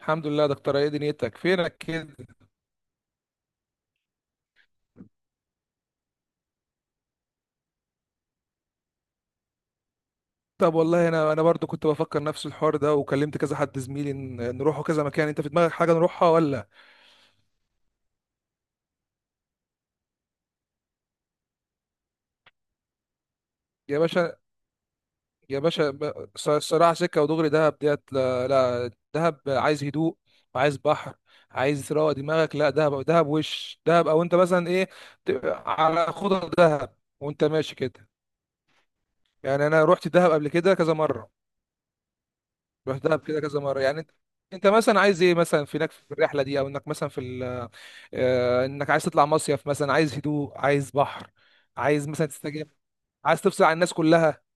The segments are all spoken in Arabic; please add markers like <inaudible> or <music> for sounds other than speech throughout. الحمد لله يا دكتور، ايه دنيتك؟ فينك كده؟ طب والله انا برضو كنت بفكر نفس الحوار ده، وكلمت كذا حد زميلي نروحوا كذا مكان. انت في دماغك حاجه نروحها ولا؟ يا باشا، يا باشا صراع، سكه ودغري دهب ديت. لا, لا دهب، عايز هدوء وعايز بحر. عايز تروق دماغك، لا دهب، دهب وش دهب، او انت مثلا ايه؟ ت- على خضر دهب وانت ماشي كده. يعني انا رحت دهب قبل كده كذا مره، رحت دهب كده كذا مره. يعني انت، انت مثلا عايز ايه مثلا في هناك في الرحله دي، او انك مثلا انك عايز تطلع مصيف مثلا، عايز هدوء، عايز بحر، عايز مثلا تستجم، عايز تفصل عن الناس كلها.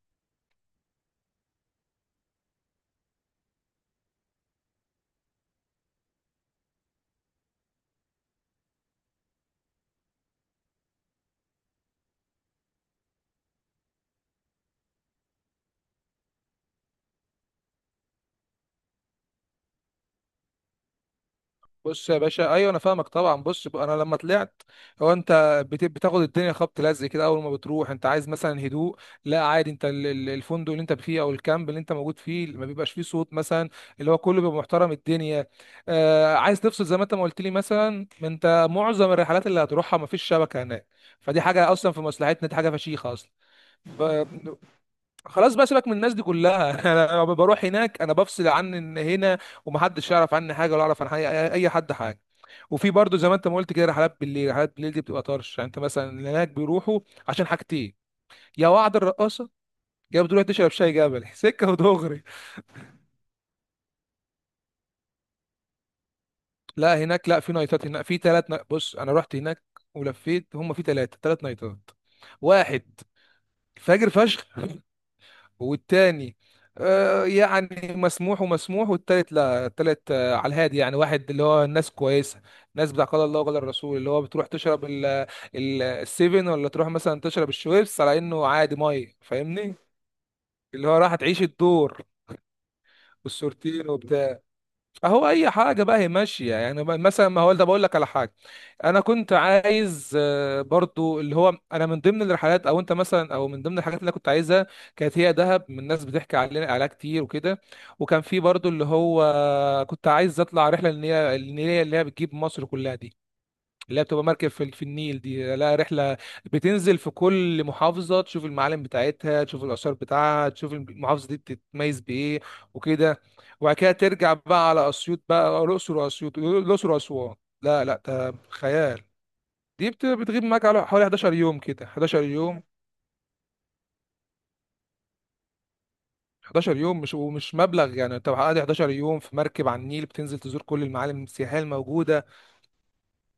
بص يا باشا، ايوه انا فاهمك طبعا. بص، انا لما طلعت، هو انت بتاخد الدنيا خبط لزق كده. اول ما بتروح انت عايز مثلا هدوء. لا عادي، انت الفندق اللي انت فيه، او الكامب اللي انت موجود فيه، ما بيبقاش فيه صوت مثلا، اللي هو كله بيبقى محترم الدنيا. آه، عايز تفصل زي ما انت ما قلت لي مثلا. ما انت معظم الرحلات اللي هتروحها ما فيش شبكه هناك، فدي حاجه اصلا في مصلحتنا، دي حاجه فشيخه اصلا. ف... خلاص بقى سيبك من الناس دي كلها. <laughs> انا لما بروح هناك انا بفصل عن ان هنا، ومحدش يعرف عني حاجه ولا اعرف عن اي حد حاجه. وفي برضه زي ما انت ما قلت كده رحلات بالليل. رحلات بالليل دي بتبقى طرش. يعني انت مثلا اللي هناك بيروحوا عشان حاجتين، يا وعد الرقاصه، يا بتروح تشرب شاي جبل. <laughs> سكه ودغري. لا هناك، لا في نايتات هناك. في بص، انا رحت هناك ولفيت، هم في ثلاث نايتات. واحد فجر فشخ، والتاني آه، يعني مسموح ومسموح. والتالت لا، التالت آه، على الهادي. يعني واحد اللي هو الناس كويسة، الناس بتاع قال الله وقال الرسول، اللي هو بتروح تشرب السيفن، ولا تروح مثلا تشرب الشويبس على انه عادي مية، فاهمني؟ اللي هو راح تعيش الدور والسورتين وبتاع. اهو اي حاجه بقى هي ماشيه. مثلا ما هو ده بقول لك على حاجه. انا كنت عايز آه، برضو اللي هو، انا من ضمن الرحلات او انت مثلا، او من ضمن الحاجات اللي انا كنت عايزها كانت هي دهب، من الناس بتحكي علينا عليها كتير وكده. وكان في برضو اللي هو، كنت عايز اطلع رحله النيله. النيله اللي هي بتجيب مصر كلها دي، اللي هي بتبقى مركب في النيل، دي لا رحلة بتنزل في كل محافظة، تشوف المعالم بتاعتها، تشوف الآثار بتاعها، تشوف المحافظة دي بتتميز بإيه وكده. وبعد كده ترجع بقى على أسيوط بقى، الأقصر وأسيوط، الأقصر وأسوان. لا لا ده خيال. دي بتغيب معاك على حوالي 11 يوم كده، 11 يوم. 11 يوم مش ومش مبلغ. يعني انت قاعد 11 يوم في مركب على النيل، بتنزل تزور كل المعالم السياحية الموجودة.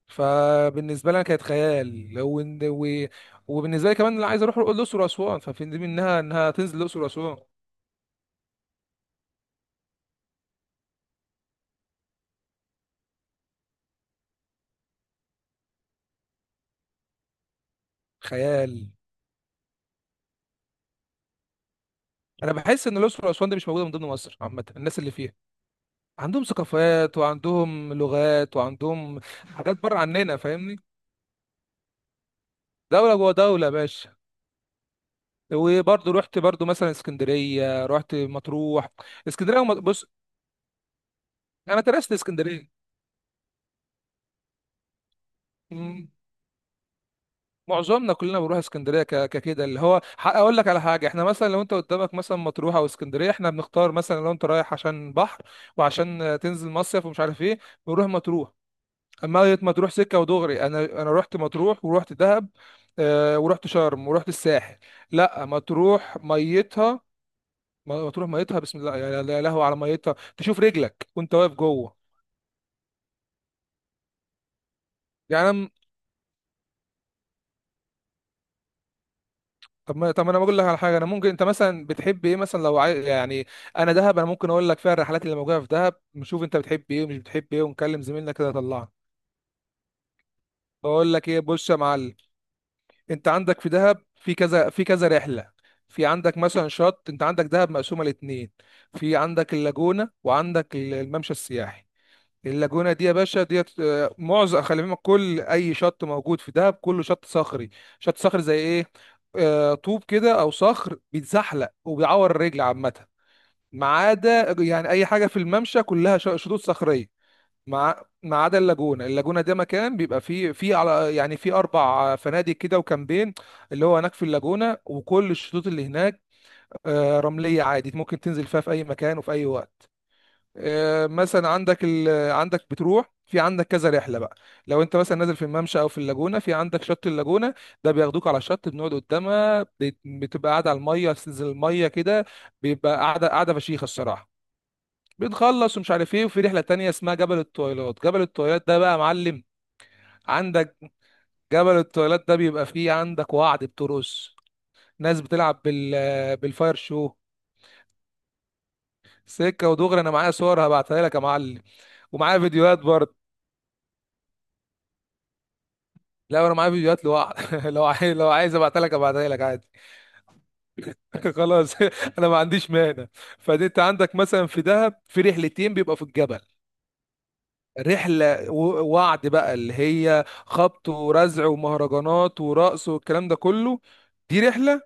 فبالنسبه لي أنا كانت خيال لو وبالنسبه لي كمان اللي عايز اروح الاقصر واسوان، ففي دي منها انها تنزل الاقصر واسوان. خيال. انا بحس ان الاقصر واسوان دي مش موجوده من ضمن مصر عامه. الناس اللي فيها عندهم ثقافات وعندهم لغات وعندهم حاجات بره عننا، فاهمني؟ دوله جوه دوله يا باشا. وبرضه رحت برضه مثلا اسكندريه، رحت مطروح. اسكندريه بص، انا درست اسكندريه. معظمنا كلنا بنروح اسكندريه ككده. اللي هو اقول لك على حاجه، احنا مثلا لو انت قدامك مثلا مطروح او اسكندريه، احنا بنختار مثلا لو انت رايح عشان بحر وعشان آه، تنزل مصيف ومش عارف ايه، بنروح مطروح. اما مطروح سكه ودغري. انا رحت مطروح، ورحت دهب آه، ورحت شرم، ورحت الساحل. لا مطروح ميتها، مطروح ميتها بسم الله، يا لهوي على ميتها، تشوف رجلك وانت واقف جوه يعني. طب ما انا بقول لك على حاجه. انا ممكن انت مثلا بتحب ايه مثلا لو يعني انا دهب، انا ممكن اقول لك فيها الرحلات اللي موجوده في دهب، نشوف انت بتحب ايه ومش بتحب ايه، ونكلم زميلنا كده يطلعنا. بقول لك ايه، بص يا معلم، انت عندك في دهب في كذا في كذا رحله. في عندك مثلا شط، انت عندك دهب مقسومه لاتنين. في عندك اللاجونه، وعندك الممشى السياحي. اللاجونة دي يا باشا ديت آه، معظم، خلي بالك كل أي شط موجود في دهب كله شط صخري. شط صخري زي إيه؟ آه، طوب كده أو صخر بيتزحلق وبيعور الرجل عامة. ما عدا يعني أي حاجة في الممشى كلها شطوط صخرية، مع ما عدا اللاجونة. اللاجونة ده مكان بيبقى فيه، فيه على يعني فيه أربع فنادق كده وكامبين اللي هو هناك في اللاجونة. وكل الشطوط اللي هناك آه، رملية عادي، ممكن تنزل فيها في أي مكان وفي أي وقت. آه، مثلا عندك بتروح، في عندك كذا رحله بقى. لو انت مثلا نازل في الممشى او في اللاجونه، في عندك شط اللاجونه. ده بياخدوك على الشط، بنقعد قدامها، بتبقى قاعده على الميه، بتنزل الميه كده، بيبقى قاعده قاعده فشيخه الصراحه. بنخلص ومش عارف ايه، وفي رحله تانية اسمها جبل الطويلات. جبل الطويلات ده بقى يا معلم، عندك جبل الطويلات ده بيبقى فيه عندك وعد بترقص، ناس بتلعب بالفاير شو. سكه ودغري، انا معايا صور هبعتها لك يا معلم، ومعايا فيديوهات برضه. لا انا معايا فيديوهات لوحده. <laughs> لو عايز، لو عايز ابعتها لك ابعتها لك عادي. <laughs> خلاص. <laughs> انا ما عنديش مانع. فدي، انت عندك مثلا في دهب في رحلتين بيبقى في الجبل. رحله وعد بقى، اللي هي خبط ورزع ومهرجانات ورقص والكلام ده كله. دي رحله.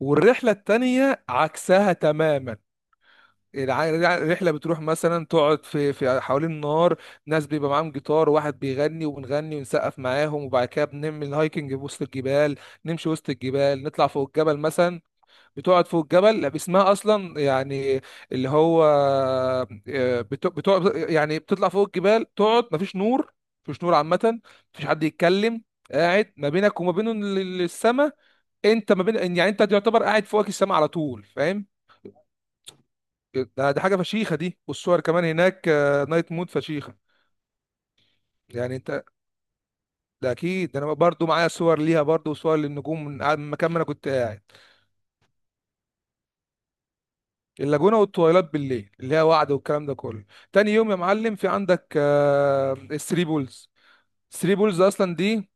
والرحله التانيه عكسها تماما. الرحله بتروح مثلا تقعد في حوالين النار. ناس بيبقى معاهم جيتار، واحد بيغني وبنغني ونسقف معاهم. وبعد كده بنعمل الهايكنج وسط الجبال، نمشي وسط الجبال، نطلع فوق الجبل مثلا. بتقعد فوق الجبل، اسمها اصلا يعني اللي هو آه، بتقعد يعني بتطلع فوق الجبال، تقعد مفيش نور، مفيش نور عامه، مفيش حد يتكلم. قاعد ما بينك وما بين السماء. انت ما بين، يعني انت تعتبر قاعد فوقك السماء على طول، فاهم؟ ده دي حاجه فشيخه دي. والصور كمان هناك آه، نايت مود فشيخه. يعني انت، ده اكيد، ده انا برضو معايا صور ليها برضو، وصور للنجوم من من المكان ما انا كنت قاعد. اللاجونه والتويلات بالليل اللي هي وعد والكلام ده كله. تاني يوم يا معلم في عندك آه، الثري بولز. الثري بولز اصلا دي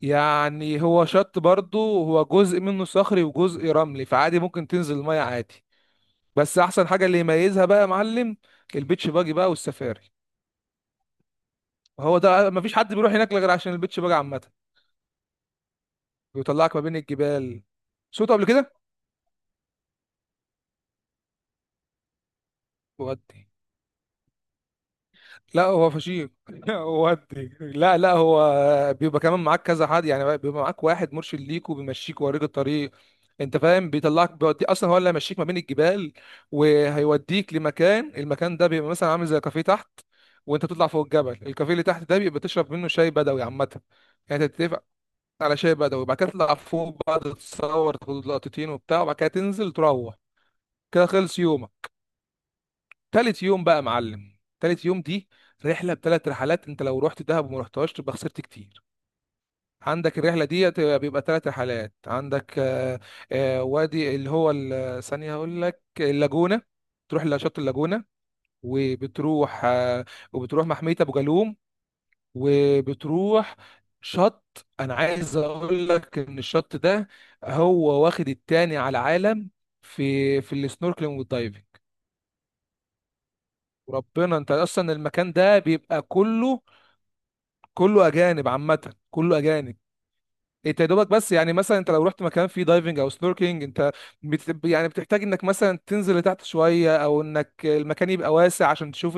يعني، هو شط برضو، هو جزء منه صخري وجزء رملي، فعادي ممكن تنزل الميه عادي. بس احسن حاجه اللي يميزها بقى يا معلم البيتش باجي بقى والسفاري. هو ده، مفيش حد بيروح هناك غير عشان البيتش باجي عامه. بيطلعك ما بين الجبال، صوته قبل كده. ودي لا هو فشيخ. <laughs> ودي لا لا هو بيبقى كمان معاك كذا حد، يعني بيبقى معاك واحد مرشد ليك وبيمشيك ويوريك الطريق. انت فاهم، بيطلعك بيودي، اصلا هو اللي هيمشيك ما بين الجبال وهيوديك لمكان. المكان ده بيبقى مثلا عامل زي كافيه تحت، وانت بتطلع فوق الجبل. الكافيه اللي تحت ده بيبقى تشرب منه شاي بدوي عامه. يعني تتفق على شاي بدوي، وبعد كده تطلع فوق بقى تتصور تاخد لقطتين وبتاع، وبعد كده تنزل تروح. كده خلص يوم. تالت يوم بقى يا معلم، تالت يوم دي رحله بثلاث رحلات. انت لو رحت دهب وما رحتهاش تبقى خسرت كتير. عندك الرحله دي بيبقى ثلاث رحلات. عندك آه، آه، وادي، اللي هو ثانيه هقول لك اللاجونه، تروح لشط اللاجونه. وبتروح آه، وبتروح محميه ابو جالوم. وبتروح شط، انا عايز اقول لك ان الشط ده هو واخد التاني على العالم في السنوركلينج والدايفنج. وربنا انت اصلا، المكان ده بيبقى كله، كله اجانب عامه، كله اجانب. انت يا دوبك بس يعني، مثلا انت لو رحت مكان فيه دايفنج او سنوركينج، انت يعني بتحتاج انك مثلا تنزل لتحت شويه، او انك المكان يبقى واسع عشان تشوف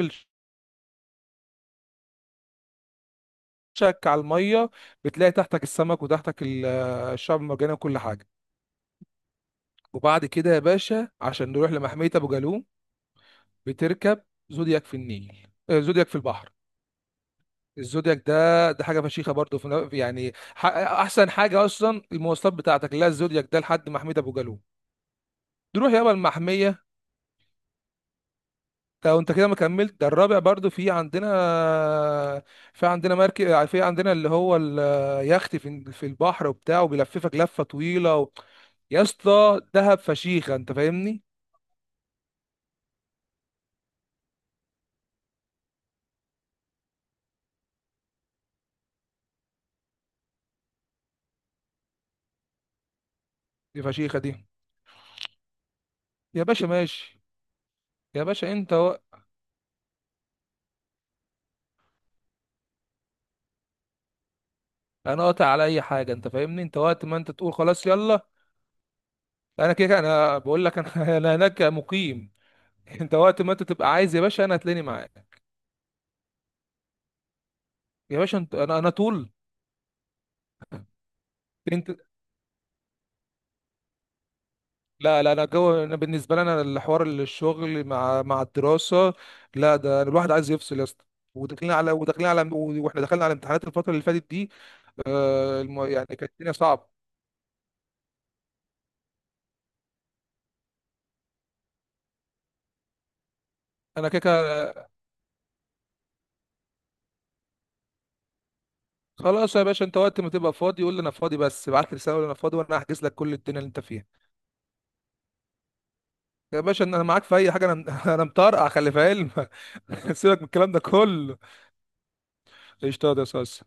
الشك على الميه، بتلاقي تحتك السمك وتحتك الشعب المرجاني وكل حاجه. وبعد كده يا باشا عشان نروح لمحميه ابو جالوم، بتركب زودياك في النيل آه، زودياك في البحر. الزودياك ده، ده حاجه فشيخه برضه، في يعني احسن حاجه اصلا المواصلات بتاعتك اللي هي الزودياك ده لحد محميه ابو جالوم. نروح يابا المحمية. لو انت كده ما كملت ده الرابع برضو في عندنا، في عندنا مركب، في عندنا اللي هو اليخت في البحر وبتاع وبيلففك لفة طويلة يا اسطى دهب فشيخة، انت فاهمني. دي فشيخة دي. يا باشا ماشي. يا باشا انا قاطع على اي حاجة انت فاهمني. انت وقت ما انت تقول خلاص يلا. انا بقول لك انا. <laughs> انا هناك مقيم. انت وقت ما انت تبقى عايز يا باشا انا هتلاقيني معاك. يا باشا انت، انا طول انت. لا لا انا جو. انا بالنسبه لي انا الحوار الشغل مع الدراسه. لا ده أنا الواحد عايز يفصل يا اسطى. وداخلين على، واحنا دخلنا على امتحانات الفتره اللي فاتت دي آه يعني كانت الدنيا صعبه. انا كده كده- خلاص يا باشا، انت وقت ما تبقى فاضي قول لي انا فاضي. بس ابعت لي رساله قول لي انا فاضي، وانا هحجز لك كل الدنيا اللي انت فيها. يا باشا انا معاك في اي حاجه انا. <laughs> انا مطرقع، خلي في علمك. <laughs> سيبك من الكلام ده كله. اشتغل يا صاص.